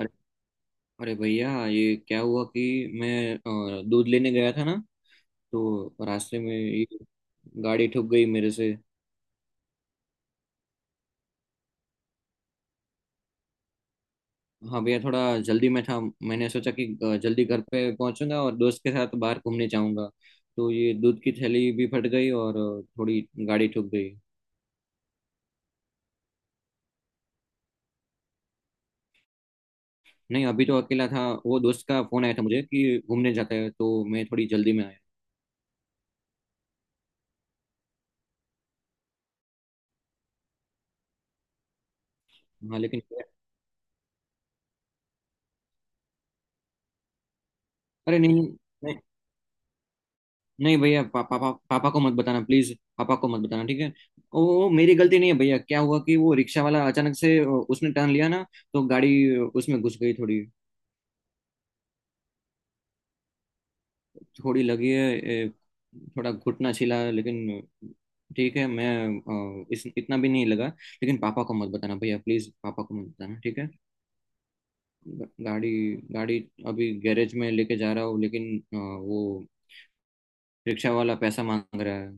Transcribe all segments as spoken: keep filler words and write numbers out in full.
अरे, अरे भैया, ये क्या हुआ कि मैं अ, दूध लेने गया था ना। तो रास्ते में ये गाड़ी ठुक गई मेरे से। हाँ भैया, थोड़ा जल्दी में था। मैंने सोचा कि अ, जल्दी घर पे पहुंचूंगा और दोस्त के साथ बाहर घूमने जाऊंगा। तो ये दूध की थैली भी फट गई और अ, थोड़ी गाड़ी ठुक गई। नहीं, अभी तो अकेला था। वो दोस्त का फोन आया था मुझे कि घूमने जाता है, तो मैं थोड़ी जल्दी में आया। हाँ, लेकिन। अरे, नहीं, नहीं। नहीं भैया, पा, पापा, पापा को मत बताना। प्लीज पापा को मत बताना, ठीक है। वो वो मेरी गलती नहीं है भैया। क्या हुआ कि वो रिक्शा वाला अचानक से अ, उसने टर्न लिया ना। तो गाड़ी अ, उसमें घुस गई थोड़ी। थोड़ी लगी है ए, थोड़ा घुटना छिला है, लेकिन ठीक है। मैं अ, इस इतना भी नहीं लगा, लेकिन पापा को मत बताना भैया। प्लीज पापा को मत बताना, ठीक है। ग- गाड़ी गाड़ी अभी गैरेज में लेके जा रहा हूँ, लेकिन अ, वो रिक्शा वाला पैसा मांग रहा है।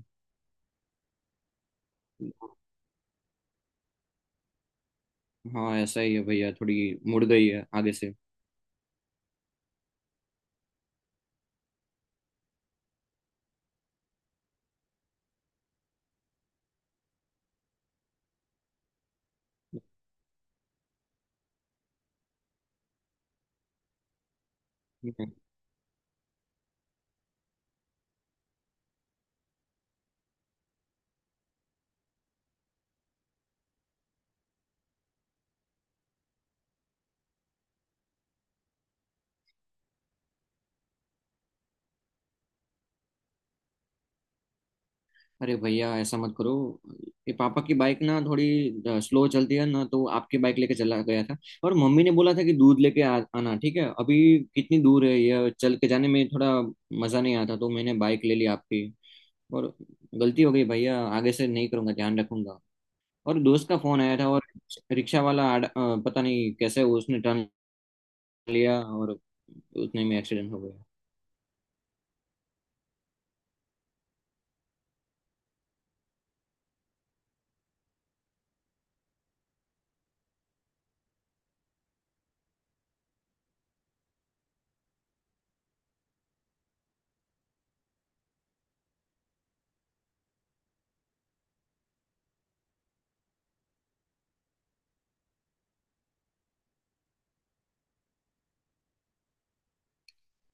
हाँ, ऐसा ही है भैया, थोड़ी मुड़ गई है आगे से। हम्म। अरे भैया, ऐसा मत करो। ये पापा की बाइक ना थोड़ी स्लो चलती है ना, तो आपकी बाइक लेके चला गया था। और मम्मी ने बोला था कि दूध लेके आ, आना, ठीक है अभी। कितनी दूर है, ये चल के जाने में थोड़ा मजा नहीं आता, तो मैंने बाइक ले ली आपकी। और गलती हो गई भैया, आगे से नहीं करूंगा, ध्यान रखूंगा। और दोस्त का फोन आया था, और रिक्शा वाला आड़- अ, पता नहीं कैसे उसने टर्न लिया और उतने में एक्सीडेंट हो गया।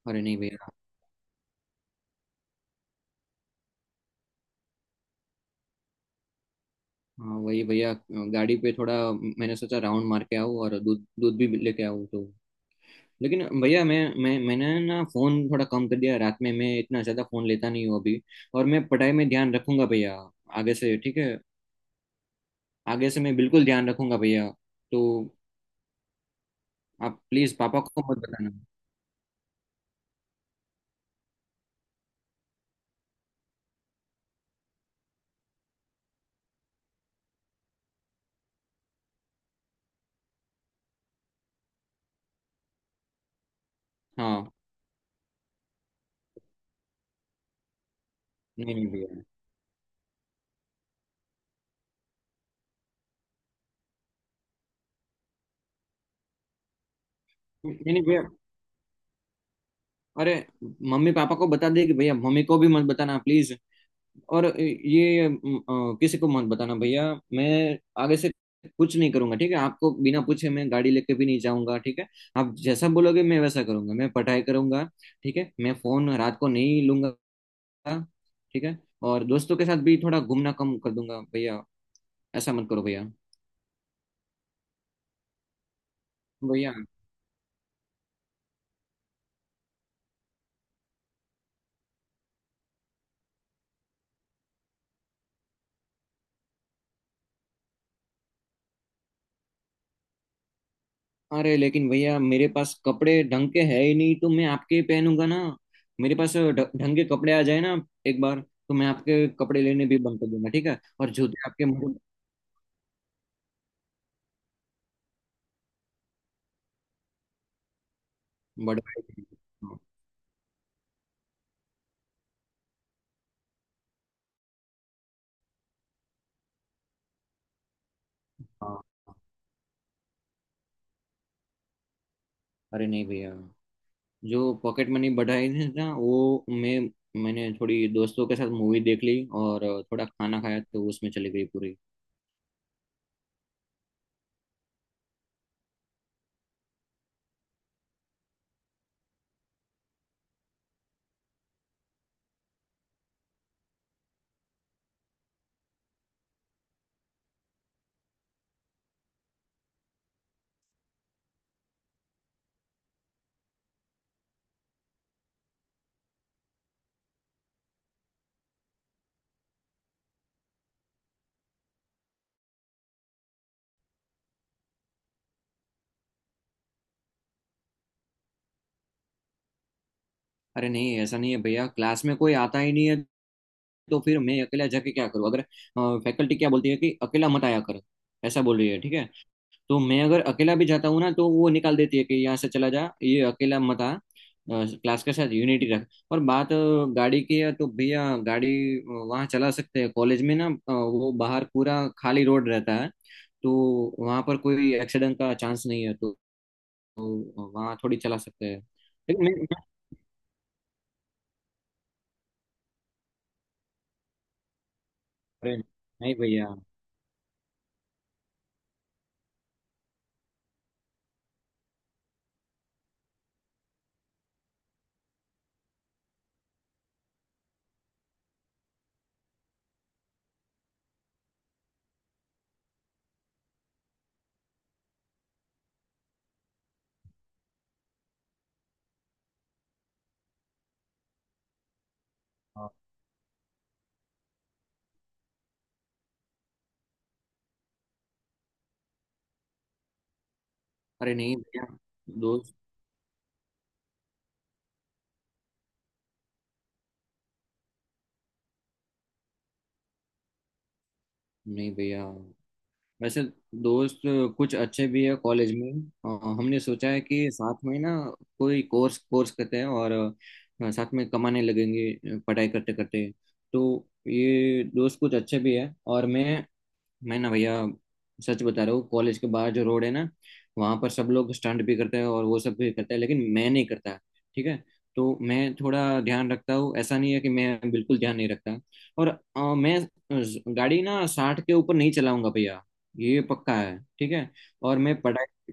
अरे नहीं भैया। हाँ, वही भैया, गाड़ी पे थोड़ा मैंने सोचा राउंड मार के आऊँ और दूध दूध भी लेके आऊँ तो। लेकिन भैया, मैं मैं मैंने ना फोन थोड़ा कम कर दिया। रात में मैं इतना ज्यादा फोन लेता नहीं हूँ अभी। और मैं पढ़ाई में ध्यान रखूंगा भैया, आगे से ठीक है। आगे से मैं बिल्कुल ध्यान रखूंगा भैया, तो आप प्लीज पापा को मत बताना। हाँ, नहीं, नहीं भैया। नहीं, नहीं भैया, अरे, मम्मी पापा को बता दे कि भैया मम्मी को भी मत बताना, प्लीज। और ये अम, अ, किसी को मत बताना भैया। मैं आगे से कुछ नहीं करूंगा, ठीक है। आपको बिना पूछे मैं गाड़ी लेके भी नहीं जाऊंगा, ठीक है। आप जैसा बोलोगे मैं वैसा करूंगा, मैं पढ़ाई करूंगा, ठीक है। मैं फोन रात को नहीं लूंगा, ठीक है। और दोस्तों के साथ भी थोड़ा घूमना कम कर दूंगा भैया। ऐसा मत करो भैया। भैया, अरे, लेकिन भैया मेरे पास कपड़े ढंग के है ही नहीं, तो मैं आपके ही पहनूंगा ना। मेरे पास ढ- ढंग के कपड़े आ जाए ना एक बार, तो मैं आपके कपड़े लेने भी बंद कर दूंगा, ठीक है। और जूते आपके मुंह बड़ा। हाँ। हाँ। अरे नहीं भैया, जो पॉकेट मनी बढ़ाई थी ना, वो मैं मैंने थोड़ी दोस्तों के साथ मूवी देख ली और थोड़ा खाना खाया, तो उसमें चली गई पूरी। अरे नहीं, ऐसा नहीं है भैया। क्लास में कोई आता ही नहीं है, तो फिर मैं अकेला जाके क्या करूँ? अगर फैकल्टी क्या बोलती है कि अकेला मत आया कर, ऐसा बोल रही है, ठीक है। तो मैं अगर अकेला भी जाता हूँ ना, तो वो निकाल देती है कि यहाँ से चला जा, ये अकेला मत आ, क्लास के साथ यूनिटी रख। और बात अ, गाड़ी की है, तो भैया गाड़ी वहाँ चला सकते हैं कॉलेज में ना। अ, वो बाहर पूरा खाली रोड रहता है, तो वहाँ पर कोई एक्सीडेंट का चांस नहीं है, तो वहाँ थोड़ी चला सकते हैं। लेकिन मैं- अरे नहीं भैया। अरे नहीं भैया। दोस्त? नहीं भैया, वैसे दोस्त कुछ अच्छे भी है कॉलेज में। अ, हमने सोचा है कि साथ में ना कोई कोर्स कोर्स करते हैं और अ, साथ में कमाने लगेंगे अ, पढ़ाई करते करते। तो ये दोस्त कुछ अच्छे भी है। और मैं मैं ना भैया, सच बता रहा हूँ। कॉलेज के बाहर जो रोड है ना, वहां पर सब लोग स्टंट भी करते हैं और वो सब भी करते हैं, लेकिन मैं नहीं करता, ठीक है। तो मैं थोड़ा ध्यान रखता हूँ, ऐसा नहीं है कि मैं बिल्कुल ध्यान नहीं रखता। और अ, मैं ज- गाड़ी ना साठ के ऊपर नहीं चलाऊंगा भैया, ये पक्का है, ठीक है। और मैं पढ़ाई।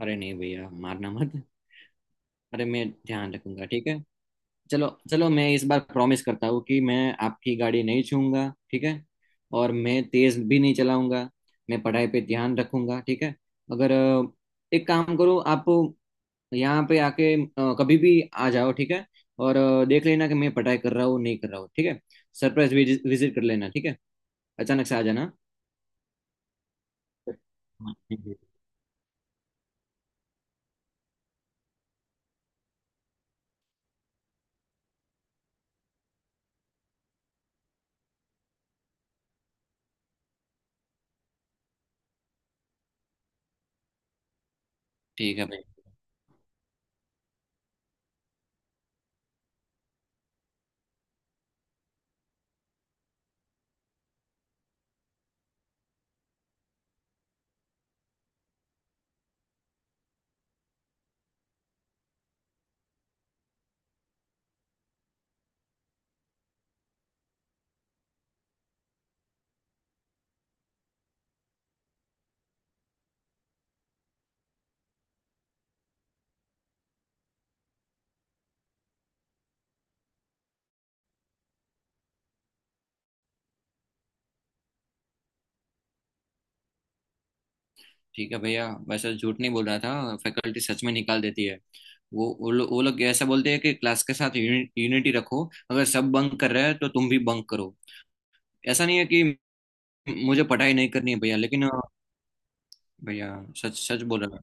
अरे नहीं भैया, मारना मत। अरे, मैं ध्यान रखूंगा, ठीक है। चलो, चलो, मैं इस बार प्रॉमिस करता हूँ कि मैं आपकी गाड़ी नहीं छूऊंगा, ठीक है। और मैं तेज भी नहीं चलाऊंगा। मैं पढ़ाई पे ध्यान रखूंगा, ठीक है। अगर अ, एक काम करो आप, यहाँ पे आके अ, कभी भी आ जाओ, ठीक है। और अ, देख लेना कि मैं पढ़ाई कर रहा हूँ नहीं कर रहा हूँ, ठीक है। सरप्राइज विजिट कर लेना, ठीक है। अचानक से आ जाना। हाँ, ठीक है। ठीक है भाई। ठीक है भैया, वैसे तो झूठ नहीं बोल रहा था, फैकल्टी सच में निकाल देती है। वो वो लोग वो लोग ऐसा बोलते हैं कि क्लास के साथ यूनिटी रखो, अगर सब बंक कर रहे हैं तो तुम भी बंक करो। ऐसा नहीं है कि मुझे पढ़ाई नहीं करनी है भैया, लेकिन अ, भैया सच सच बोल रहा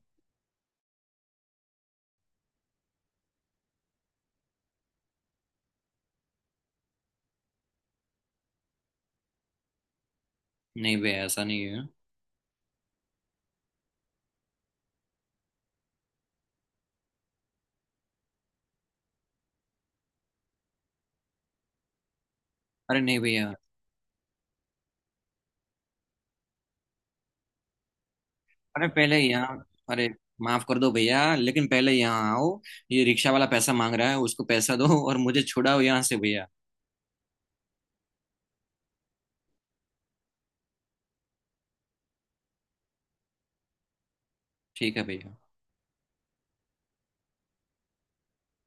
हूं। नहीं भैया, ऐसा नहीं है। अरे नहीं भैया, अरे पहले यहाँ, अरे माफ कर दो भैया, लेकिन पहले यहाँ आओ। ये रिक्शा वाला पैसा मांग रहा है, उसको पैसा दो और मुझे छुड़ाओ यहाँ से भैया। ठीक है भैया।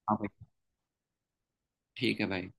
हाँ भाई। ठीक है भाई।